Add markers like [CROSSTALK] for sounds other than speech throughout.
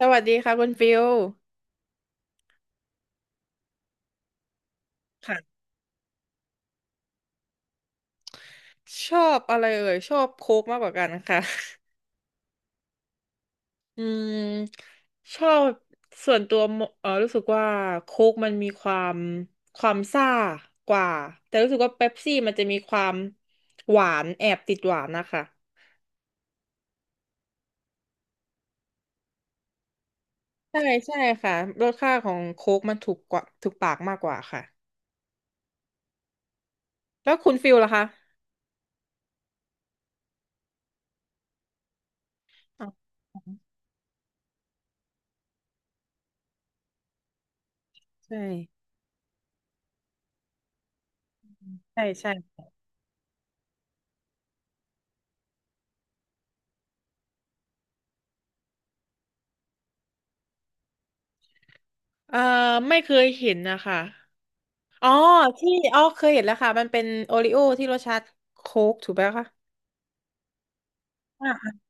สวัสดีค่ะคุณฟิลค่ะชอบอะไรเอ่ยชอบโค้กมากกว่ากันค่ะ [LAUGHS] อืมชอบส่วนตัวมเออรู้สึกว่าโค้กมันมีความซ่ากว่าแต่รู้สึกว่าเป๊ปซี่มันจะมีความหวานแอบติดหวานนะคะใช่ใช่ค่ะรสชาติของโค้กมันถูกปากมากกว่าค่ะแล้วคุณฟิลล่ะคะอ๋อใช่ใช่ใช่เอ่อไม่เคยเห็นนะคะ อ๋อที่อ๋อเคยเห็นแล้วค่ะมันเป็นโอริโอที่รสชาติโค้กถูกไหมคะอ่า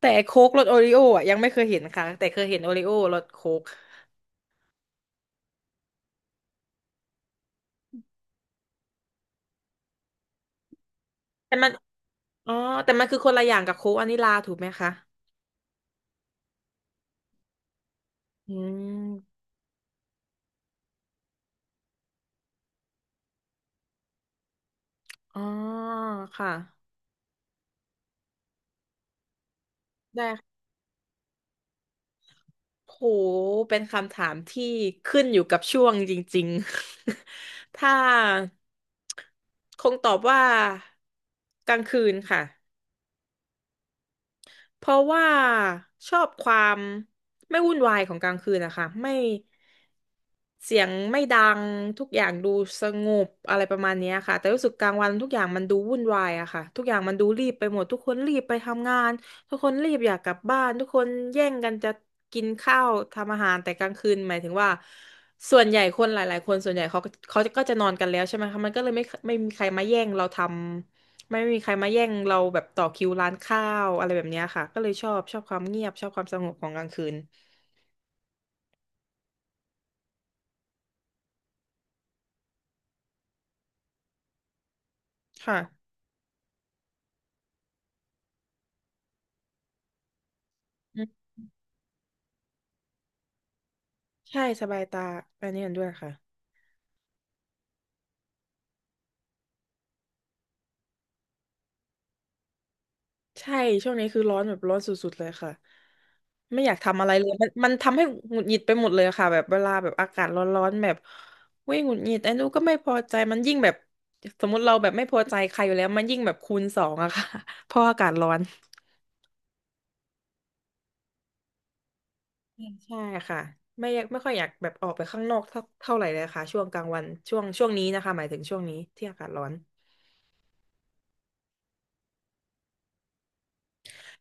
แต่โค้กรสโอริโออ่ะยังไม่เคยเห็นค่ะแต่เคยเห็นโอริโอรสโค้กแต่มันอ๋อแต่มันคือคนละอย่างกับโค้กวานิลลาถูกไหมคะอืมอ๋อค่ะได้ค่ะโหเป็นคำถามที่ขึ้นอยู่กับช่วงจริงๆ [LAUGHS] ถ้าคงตอบว่ากลางคืนค่ะ เพราะว่าชอบความไม่วุ่นวายของกลางคืนนะคะไม่เสียงไม่ดังทุกอย่างดูสงบอะไรประมาณเนี้ยค่ะแต่รู้สึกกลางวันทุกอย่างมันดูวุ่นวายอะค่ะทุกอย่างมันดูรีบไปหมดทุกคนรีบไปทำงานทุกคนรีบอยากกลับบ้านทุกคนแย่งกันจะกินข้าวทำอาหารแต่กลางคืนหมายถึงว่าส่วนใหญ่คนหลายๆคนส่วนใหญ่เขาก็จะนอนกันแล้วใช่ไหมคะมันก็เลยไม่มีใครมาแย่งเราทำ ไม่มีใครมาแย่งเราแบบต่อคิวร้านข้าวอะไรแบบเนี้ยค่ะก็เลยชอบความเงียบชอบความสงบของกลางคืนค่ะอืมใช่สบายตาอันนี้เห็นด้วยค่ะใช่ช่วงนี้คือร้อนแบบร้อนสุดๆเลยค่ะไม่อยากทำอะไรเลยมันทำให้หงุดหงิดไปหมดเลยค่ะแบบเวลาแบบอากาศร้อนๆแบบเว้ยหงุดหงิดไอ้นู้นก็ไม่พอใจมันยิ่งแบบสมมติเราแบบไม่พอใจใครอยู่แล้วมันยิ่งแบบคูณสองอะค่ะ [LAUGHS] เพราะอากาศร้อน ใช่ค่ะไม่ค่อยอยากแบบออกไปข้างนอกเท่าไหร่เลยค่ะช่วงกลางวันช่วงนี้นะคะหมายถึงช่วงนี้ที่อากาศร้อน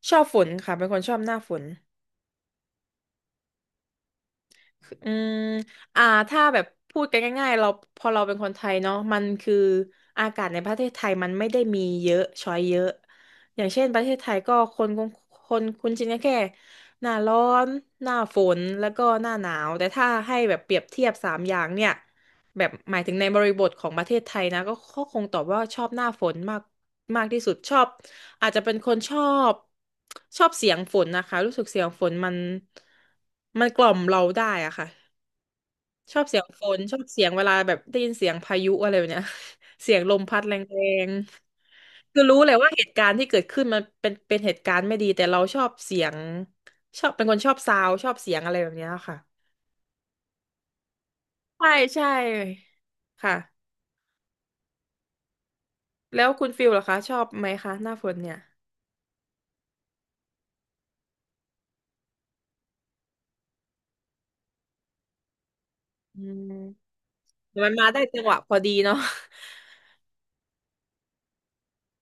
ชอบฝนค่ะเป็นคนชอบหน้าฝนอืมอ่าถ้าแบบพูดกันง่ายๆเราพอเราเป็นคนไทยเนาะมันคืออากาศในประเทศไทยมันไม่ได้มีเยอะช้อยเยอะอย่างเช่นประเทศไทยก็คนคงคุ้นชินกันแค่หน้าร้อนหน้าฝนแล้วก็หน้าหนาวแต่ถ้าให้แบบเปรียบเทียบสามอย่างเนี่ย แบบหมายถึงในบริบทของประเทศไทยนะก็คงตอบว่าชอบหน้าฝนมากมากที่สุดชอบอาจจะเป็นคนชอบชอบเสียงฝนนะคะรู้สึกเสียงฝนมันกล่อมเราได้อะค่ะชอบเสียงฝนชอบเสียงเวลาแบบได้ยินเสียงพายุอะไรแบบเนี้ย [LAUGHS] เสียงลมพัดแรงๆคือรู้เลยว่าเหตุการณ์ที่เกิดขึ้นมันเป็นเป็นเหตุการณ์ไม่ดีแต่เราชอบเสียงชอบเป็นคนชอบซาวด์ชอบเสียงอะไรแบบเนี้ยค่ะใช่ใช่ค่ะ แล้วคุณฟิลเหรอคะชอบไหมคะหน้าฝนเนี่ยอืมแต่มันมาได้จังหวะพอดีเนาะ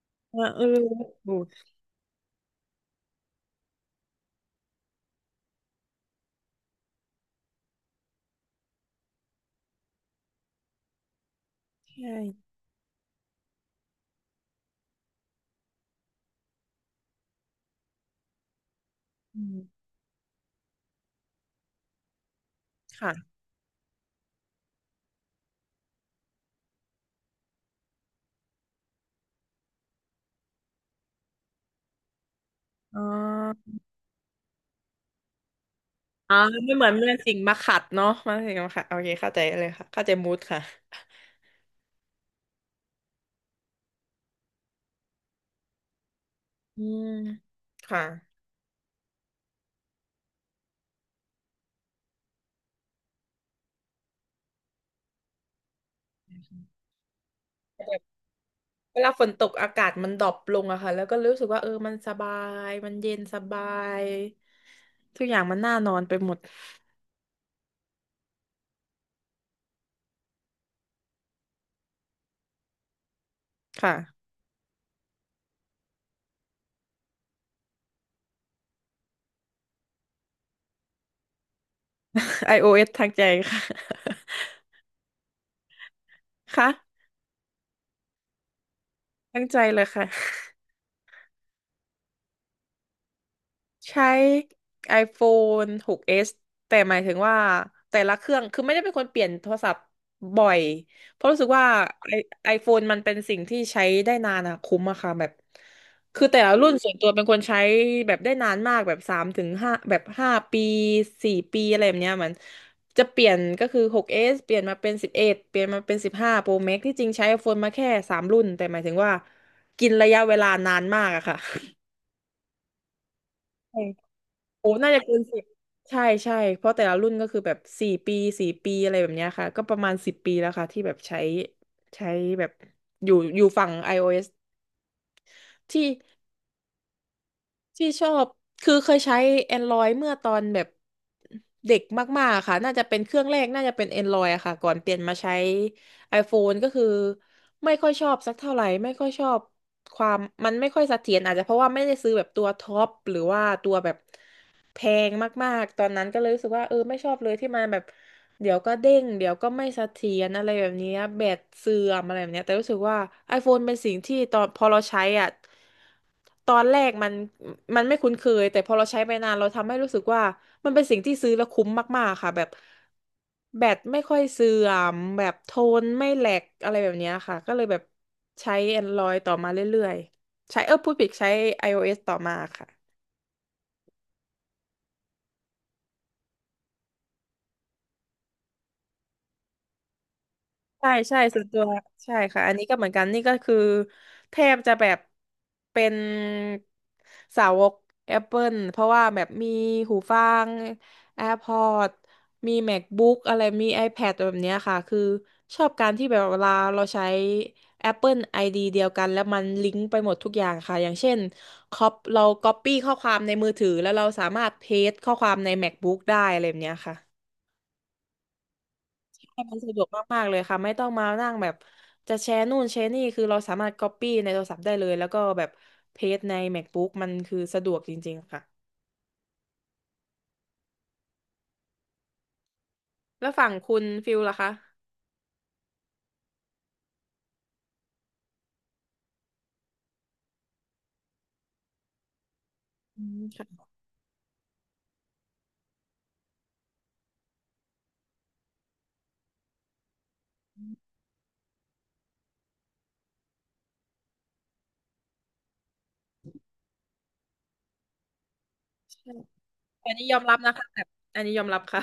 [LAUGHS] เออเออโอ้ใช่อืมค่ะอ๋ออ๋อไม่เหมือนเมื่อสิ่งมาขัดเนาะสิ่งมาขัดโอเคเข้าใจเลยค่ะเข้าใจมูดค่ะอืมค่ะเวลาฝนตกอากาศมันดรอปลงอะค่ะแล้วก็รู้สึกว่าเออมันสบายมันเย็นสบายทุกอย่างมันน่านอนไปหมดค่ะ [LAUGHS] iOS ทางใจค่ะ [LAUGHS] ค่ะทั้งใจเลยค่ะ ใช้ iPhone 6s แต่หมายถึงว่าแต่ละเครื่องคือไม่ได้เป็นคนเปลี่ยนโทรศัพท์บ่อยเพราะรู้สึกว่าไอไอโฟนมันเป็นสิ่งที่ใช้ได้นานอะคุ้มอะค่ะแบบคือแต่ละรุ่นส่วนตัวเป็นคนใช้แบบได้นานมากแบบสามถึงห้าแบบห้าปีสี่ปีอะไรแบบเนี้ยมันจะเปลี่ยนก็คือ 6s เอสเปลี่ยนมาเป็น11เอ็ดเปลี่ยนมาเป็น15 Pro Max ที่จริงใช้ iPhone มาแค่สามรุ่นแต่หมายถึงว่ากินระยะเวลานานมากอะค่ะ [LAUGHS] โอ้น่าจะเกินสิบใช่ใช่เพราะแต่ละรุ่นก็คือแบบสี่ปีสี่ปีอะไรแบบเนี้ยค่ะ ก็ประมาณสิบปีแล้วค่ะที่แบบใช้ใช้แบบอยู่ฝั่ง iOS ที่ ที่ชอบคือเคยใช้ Android เมื่อตอนแบบเด็กมากๆค่ะน่าจะเป็นเครื่องแรกน่าจะเป็น Android อะค่ะก่อนเปลี่ยนมาใช้ iPhone ก็คือไม่ค่อยชอบสักเท่าไหร่ไม่ค่อยชอบความมันไม่ค่อยเสถียรอาจจะเพราะว่าไม่ได้ซื้อแบบตัวท็อปหรือว่าตัวแบบแพงมากๆตอนนั้นก็เลยรู้สึกว่าเออไม่ชอบเลยที่มันแบบเดี๋ยวก็เด้งเดี๋ยวก็ไม่เสถียรอะไรแบบนี้แบตเสื่อมอะไรแบบเนี้ยแต่รู้สึกว่า iPhone เป็นสิ่งที่ตอนพอเราใช้อ่ะ ตอนแรกมันไม่คุ้นเคยแต่พอเราใช้ไปนานเราทำให้รู้สึกว่ามันเป็นสิ่งที่ซื้อแล้วคุ้มมากๆค่ะแบบแบตไม่ค่อยเสื่อมแบบโทนไม่แหลกอะไรแบบเนี้ยค่ะก็เลยแบบใช้ Android ต่อมาเรื่อยๆใช้เออพูดผิดใช้ iOS ต่อมาค่ะ ใช่ใช่ส่วนตัวใช่ค่ะอันนี้ก็เหมือนกันนี่ก็คือแทบจะแบบเป็นสาวก Apple เพราะว่าแบบมีหูฟัง AirPods มี MacBook อะไรมี iPad แบบเนี้ยค่ะคือชอบการที่แบบเวลาเราใช้ Apple ID เดียวกันแล้วมันลิงก์ไปหมดทุกอย่างค่ะอย่างเช่นคอปเรา Copy ข้อความในมือถือแล้วเราสามารถเพสข้อความใน MacBook ได้อะไรแบบเนี้ยค่ะ ใช่มันสะดวกมากๆเลยค่ะไม่ต้องมานั่งแบบจะแชร์นู่นแชร์นี่คือเราสามารถ Copy ในโทรศัพท์ได้เลยแล้วก็แบบเพจใน MacBook มันคือสะดวกจริงๆค่ะแล้วฝั่งคุณฟิลล่ะคะอืมค่ะใช่อันนี้ยอมรับนะคะแบบอันนี้ยอมรับค่ะ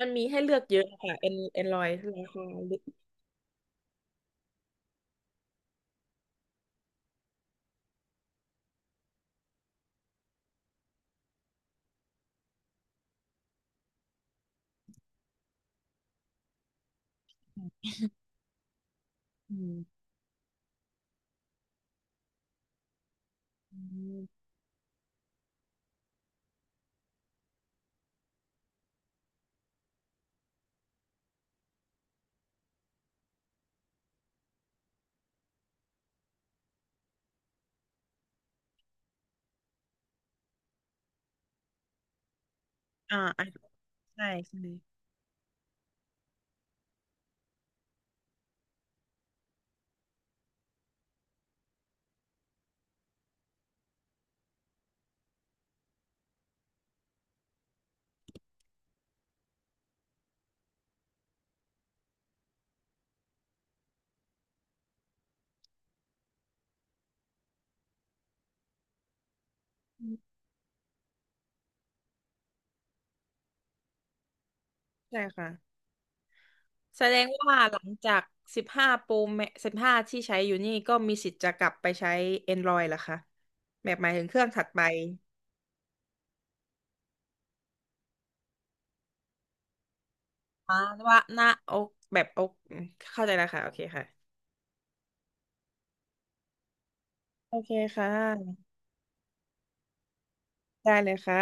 มันมีให้เลือกเยอะค่ะเอ็นเอ็นรอยราคาลึกอืมอืมอ่าอ่ะใช่ใช่ใช่ค่ะ แสดงว่าหลังจาก15โปรสิบห้าที่ใช้อยู่นี่ก็มีสิทธิ์จะกลับไปใช้ Android เหรอคะแบบหมายถึงเครื่องถัดไปอ่าว่าหน้าอกแบบอกเข้าใจแล้วค่ะโอเคค่ะโอเคค่ะได้เลยค่ะ